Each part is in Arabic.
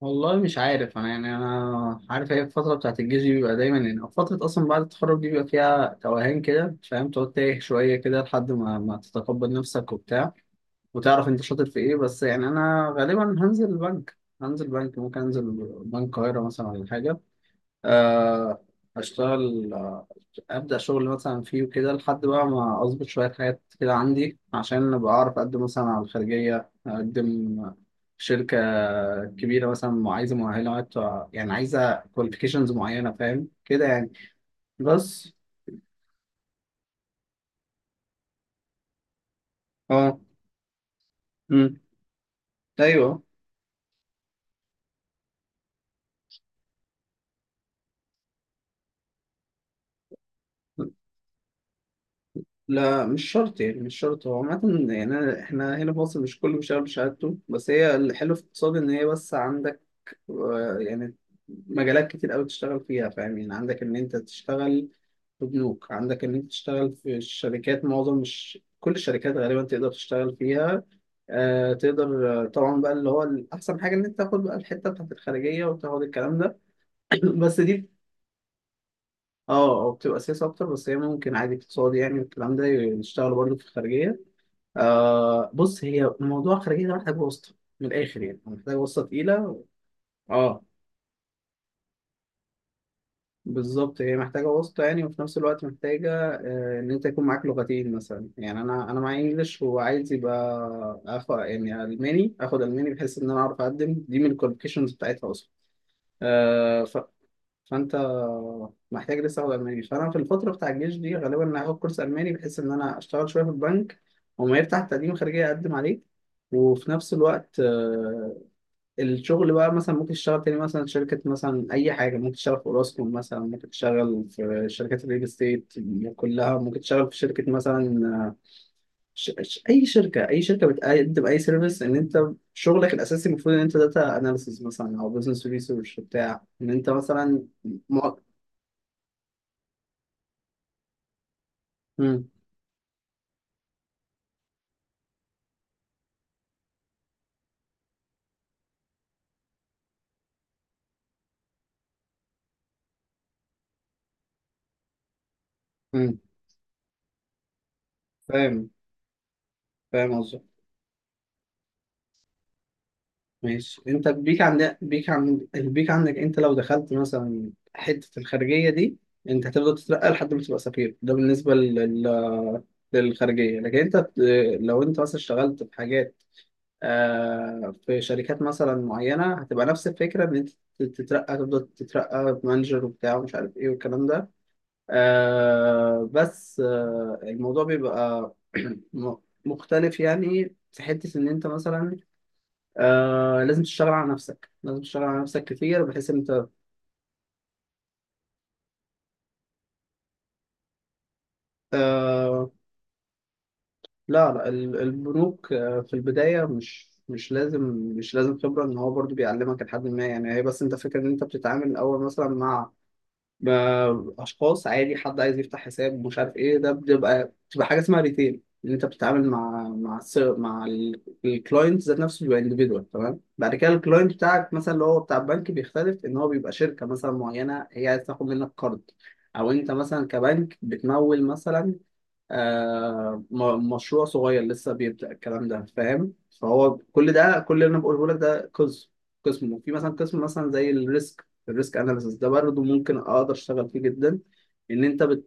والله مش عارف انا يعني انا عارف هي الفتره بتاعت الجيش دي بيبقى دايما يعني أو فتره اصلا بعد التخرج دي بيبقى فيها توهان كده، فاهم، تقعد تايه شويه كده لحد ما تتقبل نفسك وبتاع، وتعرف انت شاطر في ايه. بس يعني انا غالبا هنزل البنك هنزل بنك ممكن انزل بنك القاهره مثلا، ولا حاجه. آه، اشتغل، ابدا شغل مثلا فيه وكده، لحد بقى ما اظبط شويه حاجات كده عندي، عشان ابقى اعرف اقدم مثلا على الخارجيه، اقدم في شركه كبيره مثلا عايزه مؤهلات، يعني عايزه كواليفيكيشنز معينه، فاهم كده يعني. بس. اه. امم ايوه. لا، مش شرط يعني، مش شرط. هو عامة يعني احنا هنا في مصر مش كله بيشتغل بشهادته. بس هي الحلو في الاقتصاد ان هي بس عندك يعني مجالات كتير قوي تشتغل فيها، فاهم يعني. عندك ان انت تشتغل في بنوك، عندك ان انت تشتغل في الشركات، معظم مش كل الشركات غالبا تقدر تشتغل فيها. آه تقدر. طبعا بقى اللي هو احسن حاجه ان انت تاخد بقى الحته بتاعت الخارجيه وتاخد الكلام ده. بس دي. اه، او بتبقى سياسه اكتر، بس هي ممكن عادي اقتصادي يعني والكلام ده يشتغلوا برضه في الخارجيه. بص، هي موضوع الخارجيه ده محتاج واسطه من الاخر، يعني محتاج واسطه تقيله. اه. بالظبط، هي محتاجة واسطة يعني، وفي نفس الوقت محتاجة إن أنت يكون معاك لغتين مثلا. يعني أنا معايا إنجلش، وعايز يبقى آخد يعني ألماني، آخد ألماني، بحيث إن أنا أعرف أقدم دي من الكواليفيكيشنز بتاعتها أصلا. آه، ف... فأنت محتاج لسه آخد ألماني. فأنا في الفترة بتاع الجيش دي غالبا هاخد كورس ألماني، بحيث إن أنا أشتغل شوية في البنك، وما يفتح تقديم خارجية أقدم عليه. وفي نفس الوقت الشغل بقى مثلا ممكن تشتغل تاني مثلا شركة مثلا، أي حاجة. ممكن تشتغل في أوراسكوم مثلا، ممكن تشتغل في شركات الريل استيت، كلها ممكن تشتغل في شركة مثلا. أي شركة بتقدم أي سيرفيس، إن أنت شغلك الأساسي المفروض إن أنت داتا أناليسيز مثلا، أو بزنس ريسيرش بتاع إن أنت مثلا. م... م... م... فاهم. فاهم قصدي. ماشي. انت البيك عندك، انت لو دخلت مثلا حتة الخارجية دي، انت هتفضل تترقى لحد ما تبقى سفير. ده بالنسبة لل... للخارجية. لكن انت لو انت مثلا اشتغلت في حاجات، آه في شركات مثلا معينة، هتبقى نفس الفكرة، ان انت تترقى، تفضل تترقى مانجر وبتاع ومش عارف ايه والكلام ده. آه بس آه الموضوع بيبقى م- مختلف يعني، في حتة ان انت مثلا لازم تشتغل على نفسك، لازم تشتغل على نفسك كتير، بحيث إن انت آه لا، لا، البنوك آه في البداية مش لازم، مش لازم خبرة، ان هو برضو بيعلمك لحد ما، يعني هي بس انت فكرة ان انت بتتعامل الاول مثلا مع ما اشخاص عادي، حد عايز يفتح حساب مش عارف ايه، ده بتبقى حاجه اسمها ريتيل، ان انت بتتعامل مع الكلاينت ذات نفسه، بيبقى انديفيدوال. تمام. بعد كده الكلاينت بتاعك مثلا اللي هو بتاع البنك بيختلف، ان هو بيبقى شركه مثلا معينه هي عايز تاخد منك قرض، او انت مثلا كبنك بتمول مثلا مشروع صغير لسه بيبدأ الكلام ده، فاهم. فهو كل ده، كل اللي انا بقوله لك ده قسم، قسم. وفي مثلا قسم مثلا زي الريسك، الريسك اناليسيس ده برضه ممكن اقدر اشتغل فيه جدا. ان انت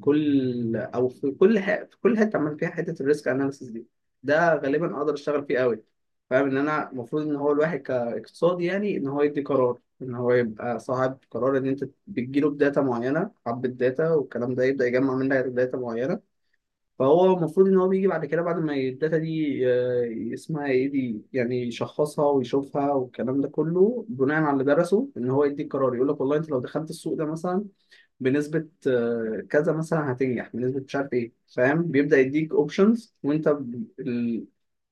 كل، او في كل في كل حته عمل فيها حته الريسك اناليسيس دي، ده غالبا اقدر اشتغل فيه قوي. فاهم ان انا المفروض، ان هو الواحد كاقتصادي يعني، ان هو يدي قرار، ان هو يبقى صاحب قرار، ان انت بتجيله بداتا معينه، حبه داتا والكلام ده، يبدا يجمع منها داتا معينه. فهو المفروض ان هو بيجي بعد كده، بعد ما الداتا دي آه، اسمها ايه دي، يعني يشخصها ويشوفها والكلام ده كله، بناء على اللي درسه ان هو يدي قرار، يقول لك والله انت لو دخلت السوق ده مثلا بنسبة كذا مثلا هتنجح، بنسبة مش عارف ايه، فاهم. بيبدأ يديك اوبشنز،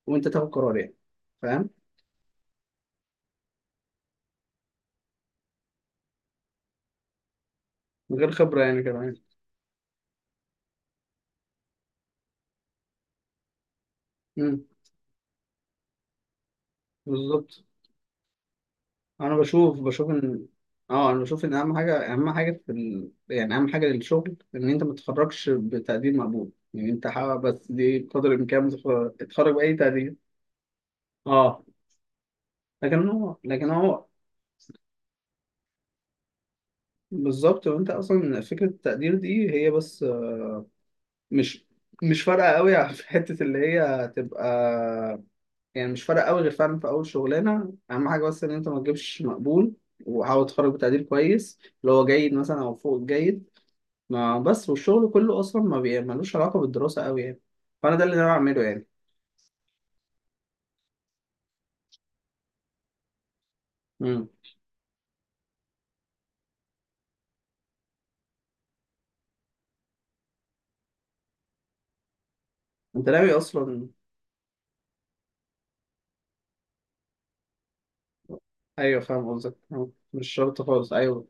وانت تاخد قرار يعني. فاهم. من غير خبرة يعني كمان. امم بالظبط. انا بشوف، بشوف ان اه انا بشوف ان اهم حاجه، اهم حاجه في يعني اهم حاجه للشغل، ان انت ما تتخرجش بتقدير مقبول. يعني انت حاول بس دي بقدر الامكان تتخرج باي تقدير. اه. لكن هو بالظبط. وانت اصلا فكره التقدير دي هي بس مش مش فارقه قوي في حته اللي هي تبقى يعني، مش فارقه قوي، غير فعلا في اول شغلانه. اهم حاجه بس ان انت ما تجيبش مقبول، وحاول تتخرج بتقدير كويس، اللي هو جيد مثلا او فوق الجيد. ما بس، والشغل كله اصلا ما بي- ملوش علاقه بالدراسه قوي يعني، فانا ده اللي انا بعمله يعني. امم انت ناوي اصلا. ايوه، فاهم قصدك. مش شرط خالص، ايوه.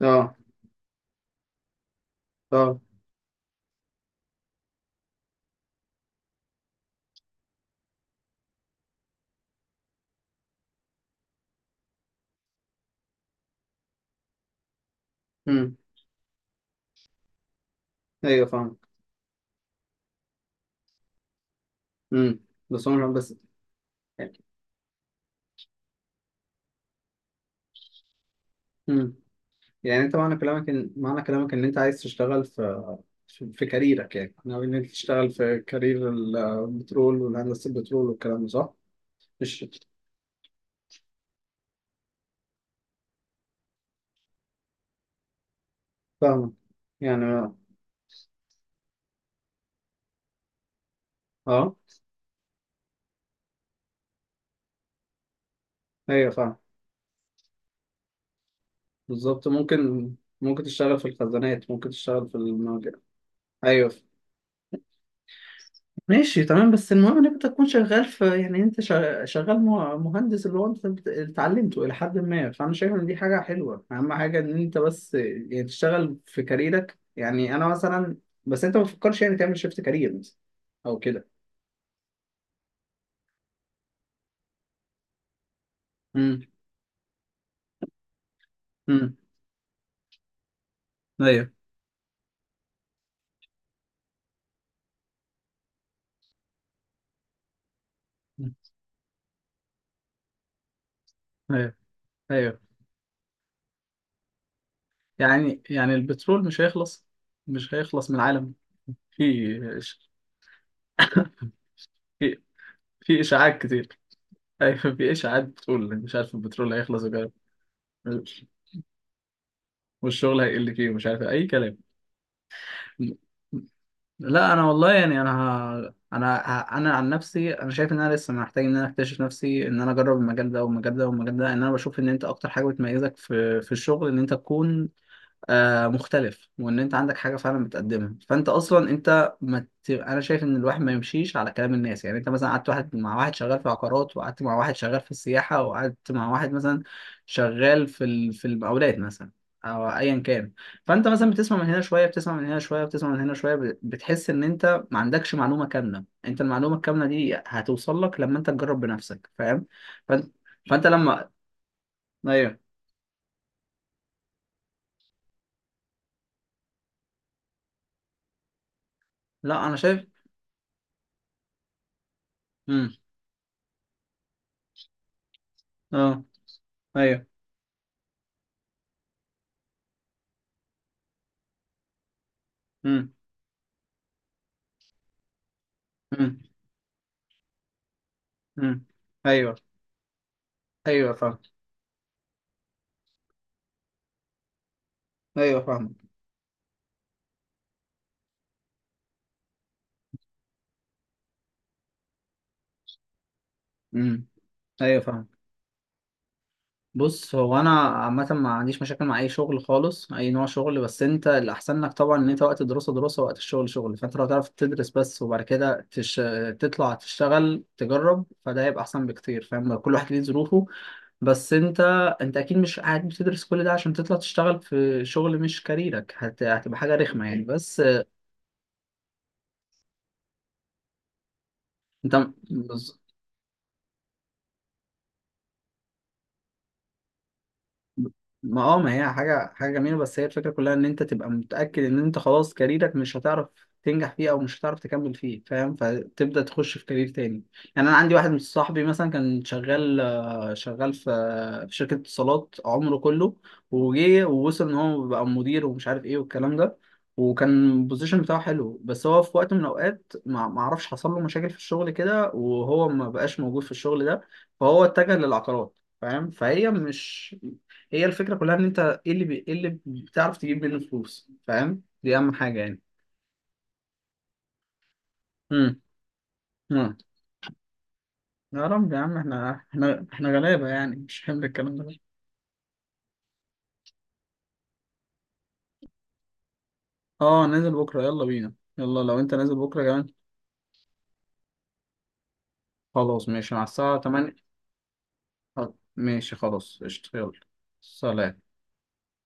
اه. اه. امم ايوه، فاهم. امم بس عمرك بس. يعني امم يعني انت، معنى كلامك ان، معنى كلامك ان انت عايز تشتغل في، في كاريرك يعني، ناوي ان انت تشتغل في كارير البترول والهندسه، البترول والكلام ده، صح؟ مش فاهمك يعني. اه، ايوه فاهم. بالظبط، ممكن تشتغل في الخزانات، ممكن تشتغل في المواجع. ايوه، ماشي. تمام. بس المهم ان انت تكون شغال في، يعني انت شغال مهندس، اللي هو انت اللي اتعلمته الى حد ما، فانا شايف ان دي حاجه حلوه. اهم حاجه ان انت بس يعني تشتغل في كاريرك يعني. انا مثلا. بس انت ما تفكرش يعني تعمل شيفت كارير مثلا او كده. امم. امم. ايوه. مم. ايوه. ايوه يعني البترول مش هيخلص، مش هيخلص من العالم. في في في اشاعات كتير. ايوه، مفيش عاد بتقول مش عارف البترول هيخلص وكده، والشغل هيقل فيه ومش عارف إيه، اي كلام. لا، انا والله يعني، انا عن نفسي، انا شايف ان انا لسه محتاج، ان انا اكتشف نفسي، ان انا اجرب المجال ده والمجال ده والمجال ده. ان انا بشوف ان انت اكتر حاجه بتميزك في الشغل، ان انت تكون آه مختلف، وان انت عندك حاجه فعلا بتقدمها. فانت اصلا انت ما ت... انا شايف ان الواحد ما يمشيش على كلام الناس. يعني انت مثلا قعدت، واحد مع واحد شغال في عقارات، وقعدت مع واحد شغال في السياحه، وقعدت مع واحد مثلا شغال في في المقاولات مثلا، او ايا كان. فانت مثلا بتسمع من هنا شويه، بتسمع من هنا شويه، بتسمع من هنا شويه، بتحس ان انت ما عندكش معلومه كامله. انت المعلومه الكامله دي هتوصل لك لما انت تجرب بنفسك، فاهم. فانت فانت لما ايوه. لا، انا شايف. امم اه، ايوه. امم امم. امم ايوه. ايوه فاهم. ايوه فاهم. امم ايوه فاهم. بص هو انا عامه ما عنديش مشاكل مع اي شغل خالص، اي نوع شغل، بس انت الاحسن لك طبعا ان انت وقت الدراسه دراسه، وقت الشغل شغل. فانت لو تعرف تدرس بس، وبعد كده تطلع تشتغل تجرب، فده هيبقى احسن بكتير، فاهم. كل واحد ليه ظروفه. بس انت، انت اكيد مش قاعد بتدرس كل ده عشان تطلع تشتغل في شغل مش كاريرك. هتبقى حاجه رخمه يعني. بس انت ما ما هي حاجة جميلة، بس هي الفكرة كلها ان انت تبقى متأكد ان انت خلاص كاريرك مش هتعرف تنجح فيه، او مش هتعرف تكمل فيه، فاهم، فتبدأ تخش في كارير تاني. يعني انا عندي واحد من صاحبي مثلا كان شغال آه، شغال في آه، في شركة اتصالات عمره كله، وجه ووصل ان هو بقى مدير ومش عارف ايه والكلام ده، وكان البوزيشن بتاعه حلو. بس هو في وقت من الاوقات ما اعرفش حصل له مشاكل في الشغل كده، وهو ما بقاش موجود في الشغل ده، فهو اتجه للعقارات، فاهم. فهي مش، هي الفكرة كلها ان انت، إيه اللي بتعرف تجيب منه فلوس، فاهم، دي اهم حاجة يعني. امم امم. يا رب، يا عم احنا، احنا غلابة يعني، مش حمل الكلام ده. اه، نازل بكرة. يلا بينا، يلا لو انت نازل بكرة كمان. خلاص، ماشي، مع الساعة 8. ماشي، خلاص، قشطة، يلا. سلام.